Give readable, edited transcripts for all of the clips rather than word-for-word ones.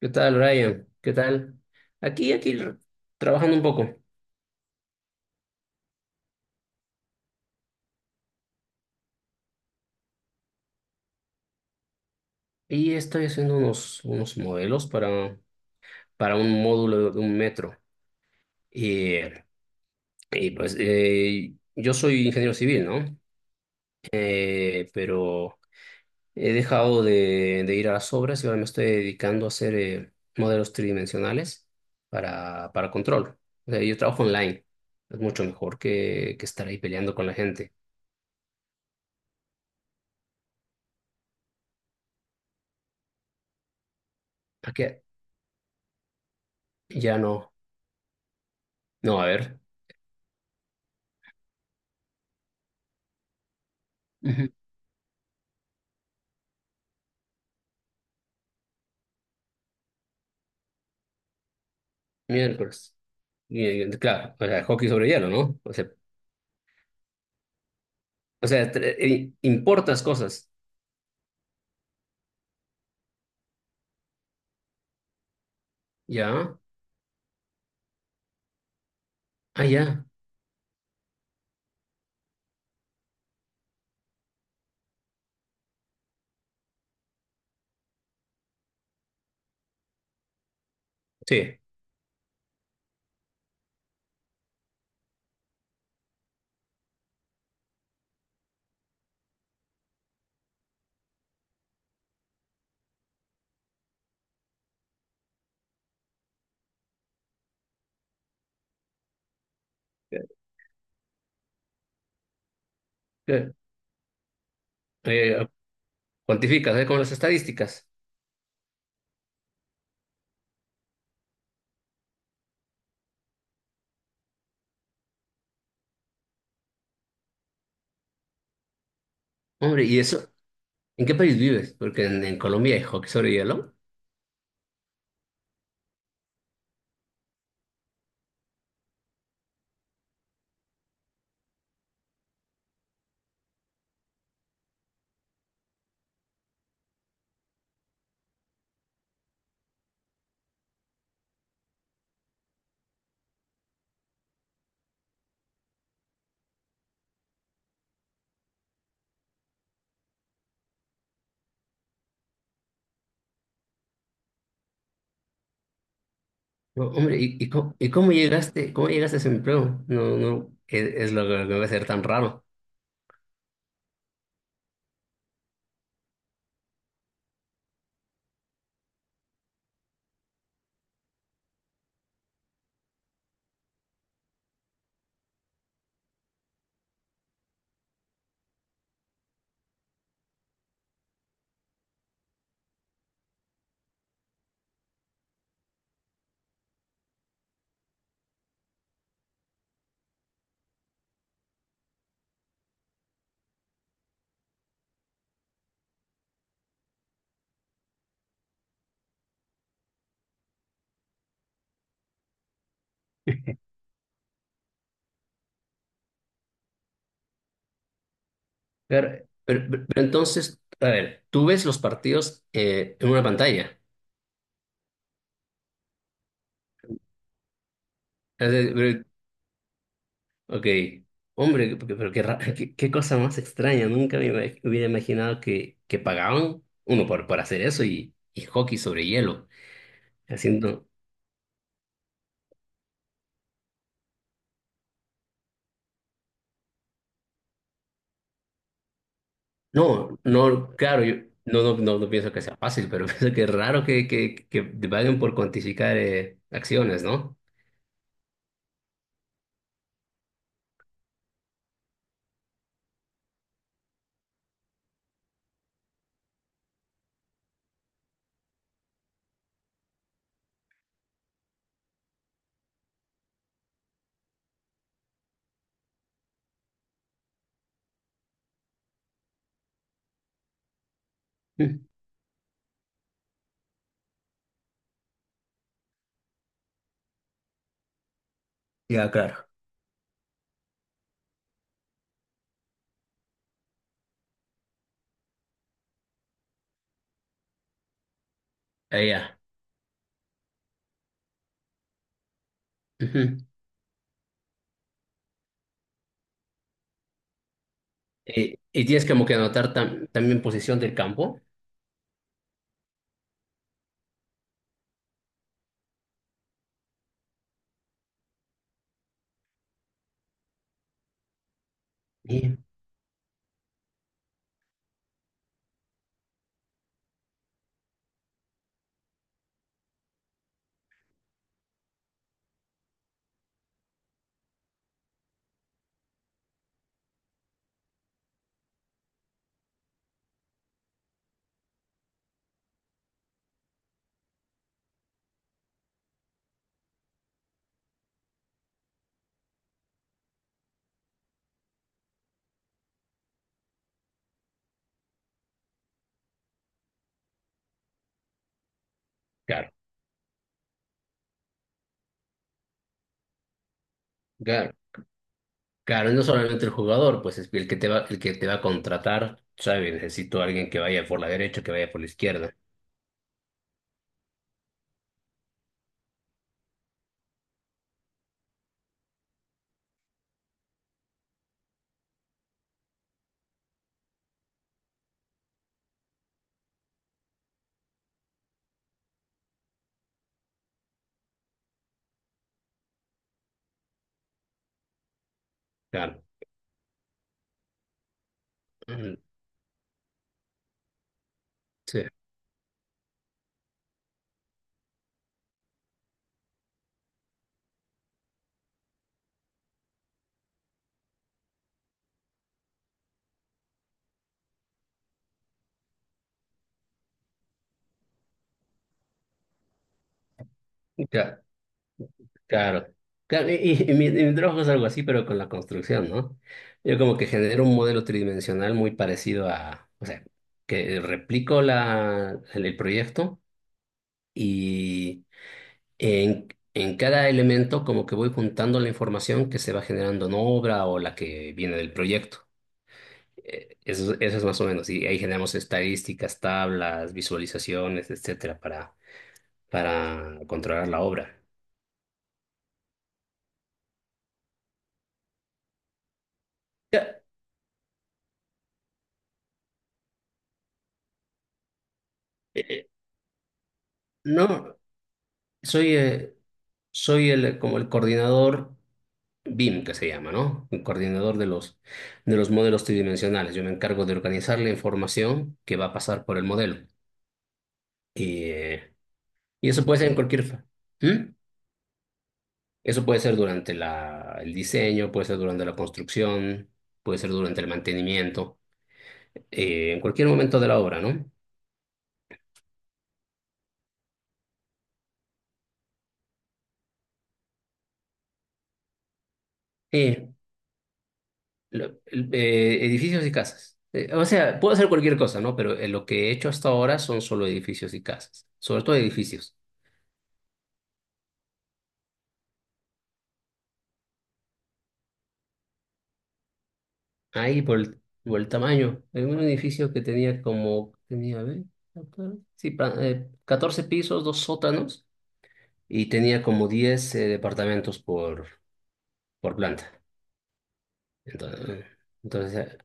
¿Qué tal, Ryan? ¿Qué tal? Aquí, aquí, r- Trabajando un poco. Y estoy haciendo unos modelos para un módulo de un metro. Y, y pues yo soy ingeniero civil, ¿no? Pero he dejado de ir a las obras y ahora me estoy dedicando a hacer modelos tridimensionales, para control. O sea, yo trabajo online. Es mucho mejor que estar ahí peleando con la gente. ¿A qué? Ya no. No, a ver. Miércoles. Claro, o sea, hockey sobre hielo, ¿no? O sea, importas cosas. Ya. Ah, ya. Sí. Eh, eh, cuantificas, ¿eh? Con las estadísticas. Hombre, ¿y eso? ¿En qué país vives? Porque en Colombia hay hockey sobre hielo. No, hombre, ¿y cómo llegaste? ¿Cómo llegaste a ese empleo? No, no, es lo que me va a ser tan raro. Pero entonces, a ver, tú ves los partidos, en una pantalla. Es de- Ok, hombre, qué cosa más extraña. Nunca hubiera imaginado que pagaban uno por hacer eso, y hockey sobre hielo. Haciendo. No, no, claro, yo no pienso que sea fácil, pero pienso que es raro que te paguen por cuantificar acciones, ¿no? Mm. Ya. Ah, ya. Ujú. Y tienes como que anotar también posición del campo. Sí. Claro, claro. Claro, y no solamente el jugador, pues es el que te va, el que te va a contratar, sabe, necesito a alguien que vaya por la derecha, que vaya por la izquierda. Claro. Mm. Sí. Cla- Claro. Claro, y mi trabajo es algo así, pero con la construcción, ¿no? Yo como que genero un modelo tridimensional muy parecido a, o sea, que replico el proyecto y en, en cada elemento como que voy juntando la información que se va generando en obra o la que viene del proyecto. Eso es más o menos. Y ahí generamos estadísticas, tablas, visualizaciones, etcétera, para controlar la obra. Ya, eh, eh, no, soy, eh, soy el, como el coordinador BIM, que se llama, ¿no? El coordinador de los modelos tridimensionales. Yo me encargo de organizar la información que va a pasar por el modelo. Y, eh, y eso puede ser en cualquier. ¿Mm? Eso puede ser durante el diseño, puede ser durante la construcción, puede ser durante el mantenimiento. En cualquier momento de la obra, ¿no? Eh, Edificios y casas. O sea, puedo hacer cualquier cosa, ¿no? Pero lo que he hecho hasta ahora son solo edificios y casas, sobre todo edificios. Ahí por el, tamaño, en un edificio que tenía, a ver, acá, sí, 14 pisos, dos sótanos, y tenía como 10 departamentos, por planta. Entonces, eh, entonces,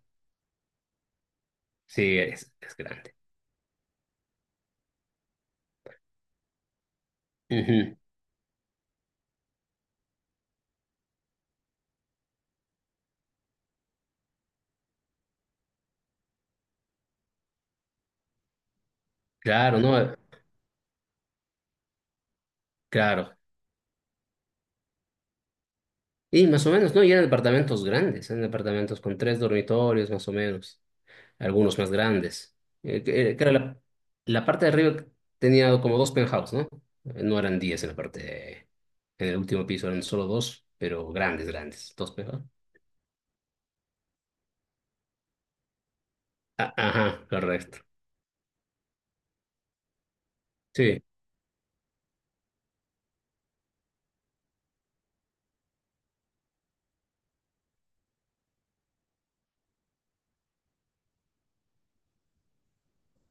sí, es grande. Ujú. Claro, ¿no? Claro. Y más o menos, ¿no? Y eran departamentos grandes, eran departamentos con tres dormitorios, más o menos, algunos más grandes. Que era la parte de arriba, tenía como dos penthouse, ¿no? No eran 10 en la parte, en el último piso eran solo dos, pero grandes, grandes, dos penthouse. Ah, ajá, correcto. Sí.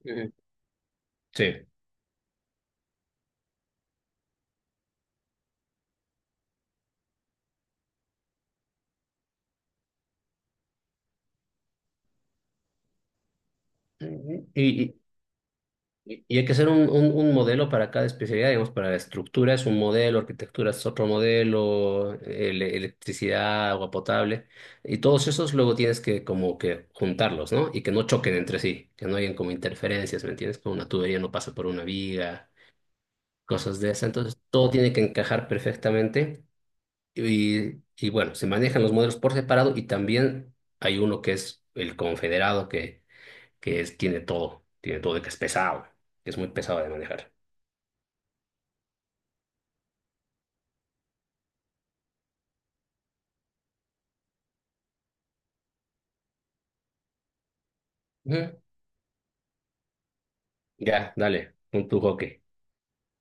Ujú. Sí. Y, y- y hay que hacer un, un modelo para cada especialidad, digamos, para la estructura es un modelo, arquitectura es otro modelo, electricidad, agua potable, y todos esos luego tienes que como que juntarlos, ¿no? Y que no choquen entre sí, que no hayan como interferencias, ¿me entiendes? Como una tubería no pasa por una viga, cosas de esas. Entonces todo tiene que encajar perfectamente, y bueno, se manejan los modelos por separado y también hay uno que es el confederado que es, tiene todo, que es pesado, que es muy pesado de manejar. Ujú. Ya, dale, con tu hockey.